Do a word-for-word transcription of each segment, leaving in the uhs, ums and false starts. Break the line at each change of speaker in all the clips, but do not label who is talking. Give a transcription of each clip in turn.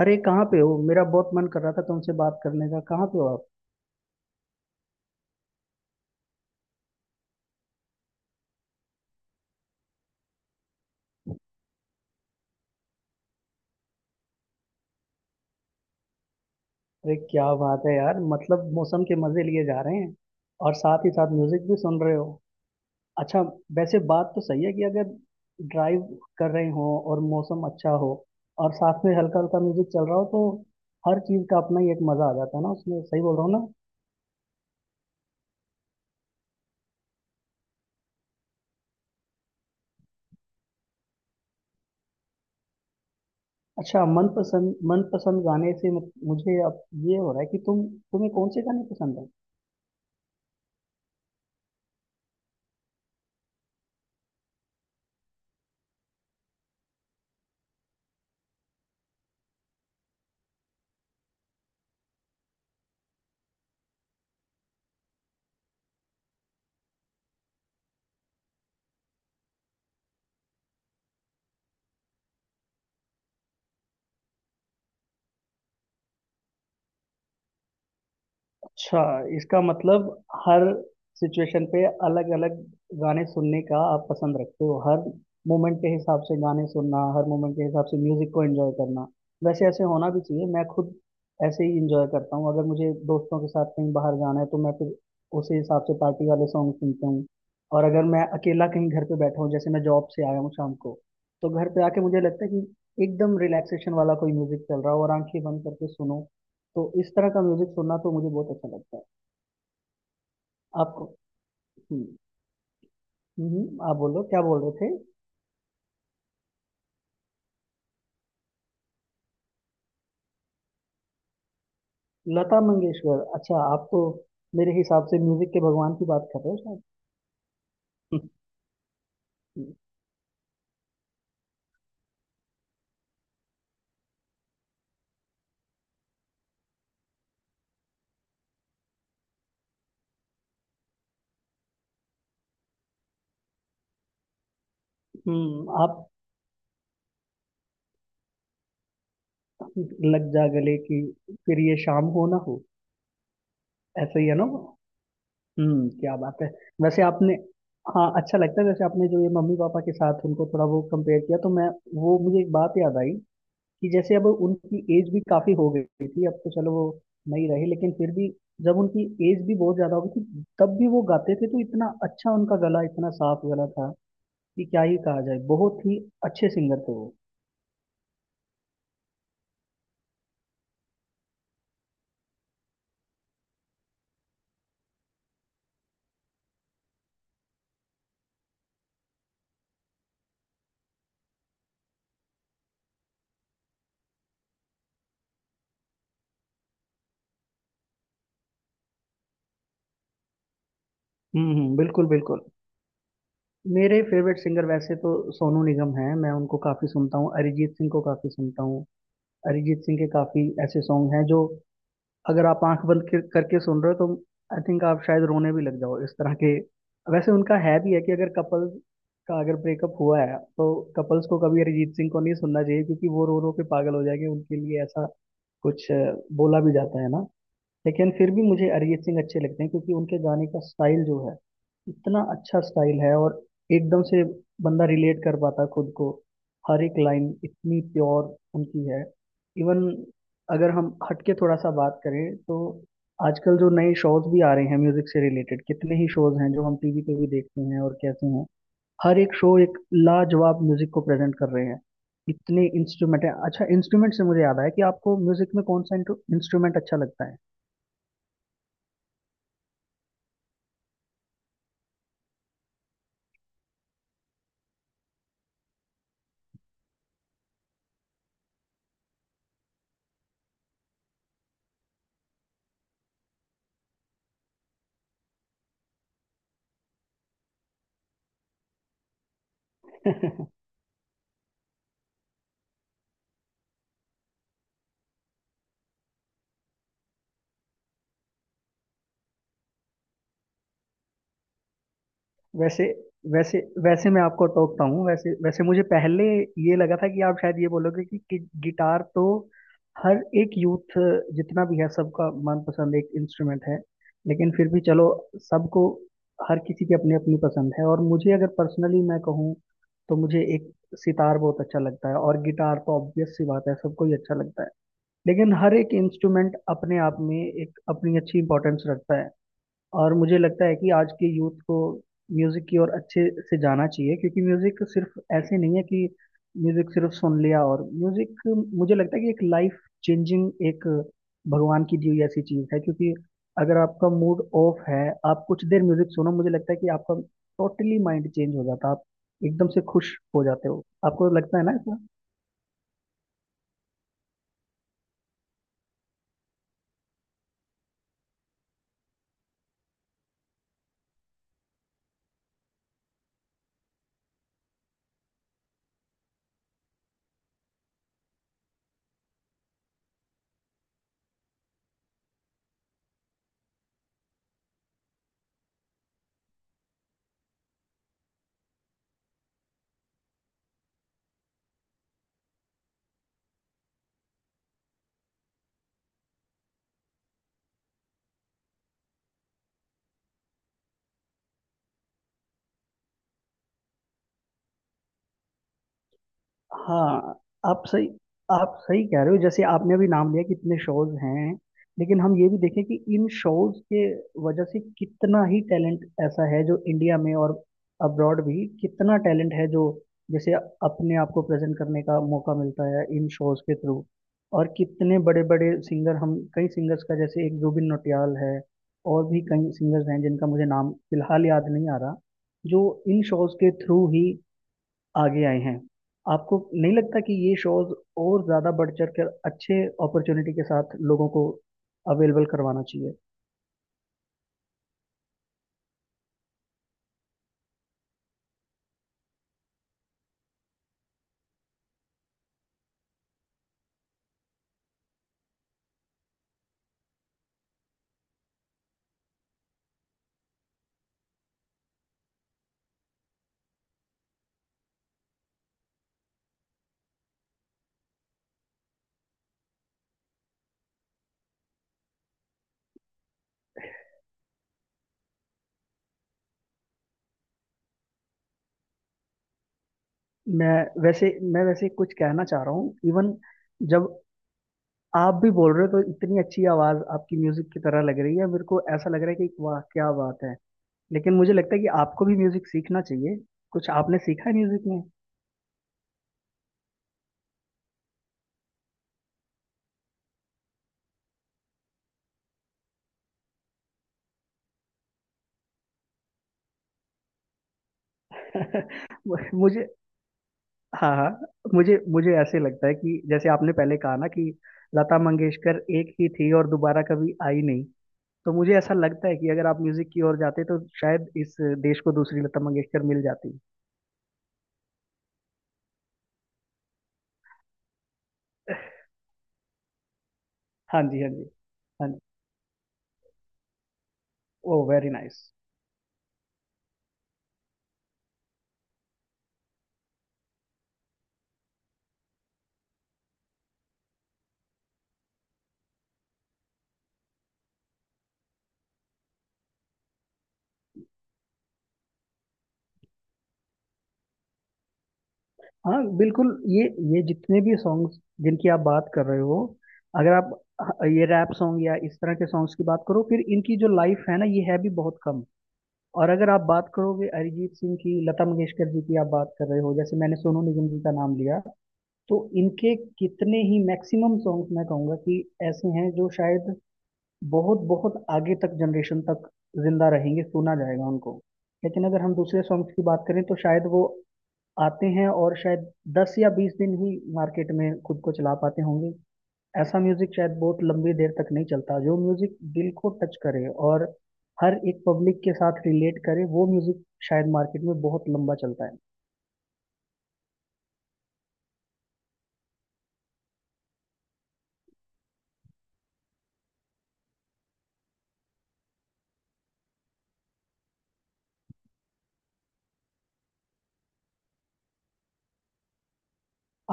अरे कहाँ पे हो? मेरा बहुत मन कर रहा था तुमसे बात करने का। कहाँ पे हो आप? अरे क्या बात है यार, मतलब मौसम के मजे लिए जा रहे हैं और साथ ही साथ म्यूजिक भी सुन रहे हो। अच्छा। वैसे बात तो सही है कि अगर ड्राइव कर रहे हो और मौसम अच्छा हो और साथ में हल्का हल्का म्यूजिक चल रहा हो, तो हर चीज का अपना ही एक मजा आ जाता है ना उसमें। सही बोल रहा हूँ ना? अच्छा, मनपसंद मनपसंद गाने से मत- मुझे अब ये हो रहा है कि तुम तुम्हें कौन से गाने पसंद है? अच्छा, इसका मतलब हर सिचुएशन पे अलग अलग गाने सुनने का आप पसंद रखते हो। हर मोमेंट के हिसाब से गाने सुनना, हर मोमेंट के हिसाब से म्यूजिक को एंजॉय करना। वैसे ऐसे होना भी चाहिए, मैं खुद ऐसे ही एंजॉय करता हूँ। अगर मुझे दोस्तों के साथ कहीं बाहर जाना है तो मैं फिर उसी हिसाब से पार्टी वाले सॉन्ग सुनता हूँ। और अगर मैं अकेला कहीं घर पे बैठा हूँ, जैसे मैं जॉब से आया हूँ शाम को, तो घर पे आके मुझे लगता है कि एकदम रिलैक्सेशन वाला कोई म्यूजिक चल रहा हो और आंखें बंद करके सुनो, तो इस तरह का म्यूजिक सुनना तो मुझे बहुत अच्छा लगता है। आपको? हम्म। हम्म, आप बोलो, क्या बोल रहे थे? लता मंगेशकर? अच्छा, आप तो मेरे हिसाब से म्यूजिक के भगवान की बात कर रहे हो शायद। हम्म। हम्म, आप, लग जा गले कि फिर ये शाम हो ना हो, ऐसा ही है ना वो? हम्म, क्या बात है। वैसे आपने हाँ, अच्छा लगता है। वैसे आपने जो ये मम्मी पापा के साथ उनको थोड़ा वो कंपेयर किया, तो मैं, वो मुझे एक बात याद आई कि जैसे अब उनकी एज भी काफी हो गई थी, अब तो चलो वो नहीं रहे, लेकिन फिर भी जब उनकी एज भी बहुत ज्यादा हो गई थी तब भी वो गाते थे तो इतना अच्छा, उनका गला इतना साफ गला था कि क्या ही कहा जाए। बहुत ही अच्छे सिंगर थे वो। हम्म हम्म, बिल्कुल बिल्कुल। मेरे फेवरेट सिंगर वैसे तो सोनू निगम हैं, मैं उनको काफी सुनता हूँ। अरिजीत सिंह को काफी सुनता हूँ। अरिजीत सिंह के काफी ऐसे सॉन्ग हैं जो अगर आप आंख बंद कर- करके सुन रहे हो तो आई थिंक आप शायद रोने भी लग जाओ, इस तरह के। वैसे उनका है भी है कि अगर कपल का अगर ब्रेकअप हुआ है तो कपल्स को कभी अरिजीत सिंह को नहीं सुनना चाहिए, क्योंकि वो रो रो के पागल हो जाएंगे। उनके लिए ऐसा कुछ अ, बोला भी जाता है ना। लेकिन फिर भी मुझे अरिजीत सिंह अच्छे लगते हैं, क्योंकि उनके गाने का स्टाइल जो है, इतना अच्छा स्टाइल है और एकदम से बंदा रिलेट कर पाता है खुद को। हर एक लाइन इतनी प्योर उनकी है। इवन अगर हम हटके थोड़ा सा बात करें तो आजकल जो नए शोज भी आ रहे हैं म्यूजिक से रिलेटेड, कितने ही शोज हैं जो हम टीवी पे भी देखते हैं, और कैसे हैं, हर एक शो एक लाजवाब म्यूजिक को प्रेजेंट कर रहे हैं। इतने इंस्ट्रूमेंट है। अच्छा, इंस्ट्रूमेंट से मुझे याद आया कि आपको म्यूजिक में कौन सा इंस्ट्रूमेंट अच्छा लगता है? वैसे वैसे वैसे मैं आपको टोकता हूँ। वैसे वैसे मुझे पहले ये लगा था कि आप शायद ये बोलोगे कि, कि गिटार तो हर एक यूथ जितना भी है, सबका मनपसंद एक इंस्ट्रूमेंट है। लेकिन फिर भी चलो, सबको, हर किसी की अपनी अपनी पसंद है। और मुझे अगर पर्सनली मैं कहूँ तो मुझे एक सितार बहुत अच्छा लगता है, और गिटार तो ऑब्वियस सी बात है, सबको ही अच्छा लगता है। लेकिन हर एक इंस्ट्रूमेंट अपने आप में एक अपनी अच्छी इंपॉर्टेंस रखता है। और मुझे लगता है कि आज के यूथ को म्यूजिक की ओर अच्छे से जाना चाहिए, क्योंकि म्यूजिक सिर्फ ऐसे नहीं है कि म्यूजिक सिर्फ सुन लिया, और म्यूजिक मुझे लगता है कि एक लाइफ चेंजिंग, एक भगवान की दी हुई ऐसी चीज है, क्योंकि अगर आपका मूड ऑफ है, आप कुछ देर म्यूजिक सुनो, मुझे लगता है कि आपका टोटली माइंड चेंज हो जाता है, आप एकदम से खुश हो जाते हो। आपको लगता है ना ऐसा? हाँ, आप सही आप सही कह रहे हो। जैसे आपने अभी नाम लिया कि इतने शोज हैं, लेकिन हम ये भी देखें कि इन शोज के वजह से कितना ही टैलेंट ऐसा है जो इंडिया में, और अब्रॉड भी कितना टैलेंट है जो जैसे अपने आप को प्रेजेंट करने का मौका मिलता है इन शोज के थ्रू। और कितने बड़े बड़े सिंगर, हम कई सिंगर्स का, जैसे एक जुबिन नौटियाल है, और भी कई सिंगर्स हैं जिनका मुझे नाम फिलहाल याद नहीं आ रहा, जो इन शोज के थ्रू ही आगे आए हैं। आपको नहीं लगता कि ये शोज और ज्यादा बढ़ चढ़ कर अच्छे अपॉर्चुनिटी के साथ लोगों को अवेलेबल करवाना चाहिए? मैं वैसे मैं वैसे कुछ कहना चाह रहा हूँ। इवन जब आप भी बोल रहे हो तो इतनी अच्छी आवाज आपकी म्यूजिक की तरह लग रही है, मेरे को ऐसा लग रहा है कि वाह, क्या बात है। लेकिन मुझे लगता है कि आपको भी म्यूजिक सीखना चाहिए। कुछ आपने सीखा है म्यूजिक में? मुझे हाँ हाँ, मुझे मुझे ऐसे लगता है कि जैसे आपने पहले कहा ना कि लता मंगेशकर एक ही थी और दोबारा कभी आई नहीं। तो मुझे ऐसा लगता है कि अगर आप म्यूजिक की ओर जाते तो शायद इस देश को दूसरी लता मंगेशकर मिल जाती। हाँ जी, हाँ जी, हाँ जी। Oh, very nice. हाँ बिल्कुल, ये ये जितने भी सॉन्ग्स जिनकी आप बात कर रहे हो, अगर आप ये रैप सॉन्ग या इस तरह के सॉन्ग्स की बात करो, फिर इनकी जो लाइफ है ना, ये है भी बहुत कम। और अगर आप बात करोगे अरिजीत सिंह की, लता मंगेशकर जी की आप बात कर रहे हो, जैसे मैंने सोनू निगम जी का नाम लिया, तो इनके कितने ही मैक्सिमम सॉन्ग्स मैं कहूँगा कि ऐसे हैं जो शायद बहुत बहुत आगे तक, जनरेशन तक जिंदा रहेंगे, सुना जाएगा उनको। लेकिन अगर हम दूसरे सॉन्ग्स की बात करें तो शायद वो आते हैं और शायद दस या बीस दिन ही मार्केट में खुद को चला पाते होंगे। ऐसा म्यूजिक शायद बहुत लंबी देर तक नहीं चलता। जो म्यूजिक दिल को टच करे और हर एक पब्लिक के साथ रिलेट करे, वो म्यूजिक शायद मार्केट में बहुत लंबा चलता है।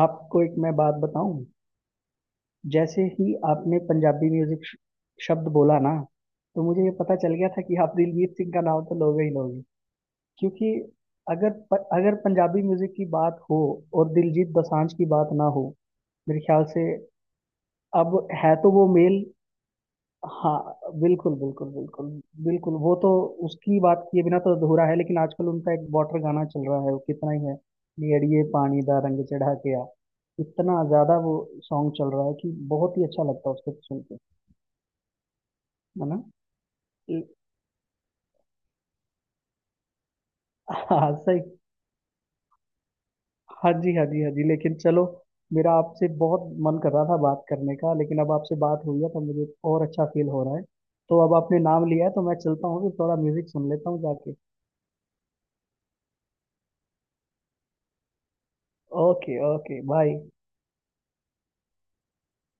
आपको एक मैं बात बताऊं, जैसे ही आपने पंजाबी म्यूजिक श- शब्द बोला ना, तो मुझे ये पता चल गया था कि आप दिलजीत सिंह का नाम तो लोगे ही लोगे। क्योंकि अगर प, अगर पंजाबी म्यूजिक की बात हो और दिलजीत दोसांझ की बात ना हो, मेरे ख्याल से। अब, है तो वो मेल। हाँ बिल्कुल बिल्कुल बिल्कुल बिल्कुल, वो तो उसकी बात किए बिना तो अधूरा है। लेकिन आजकल उनका एक बॉर्डर गाना चल रहा है, वो कितना ही है, नियड़िए पानी दा रंग चढ़ा के आ। इतना ज्यादा वो सॉन्ग चल रहा है कि बहुत ही अच्छा लगता है उसको सुन के। है ना? ल- हाँ, सही। हाँ जी, हाँ जी, हाँ जी। लेकिन चलो, मेरा आपसे बहुत मन कर रहा था बात करने का, लेकिन अब आपसे बात हुई है तो मुझे और अच्छा फील हो रहा है। तो अब आपने नाम लिया है तो मैं चलता हूँ, फिर थोड़ा म्यूजिक सुन लेता हूँ जाके। Okay, okay, bye.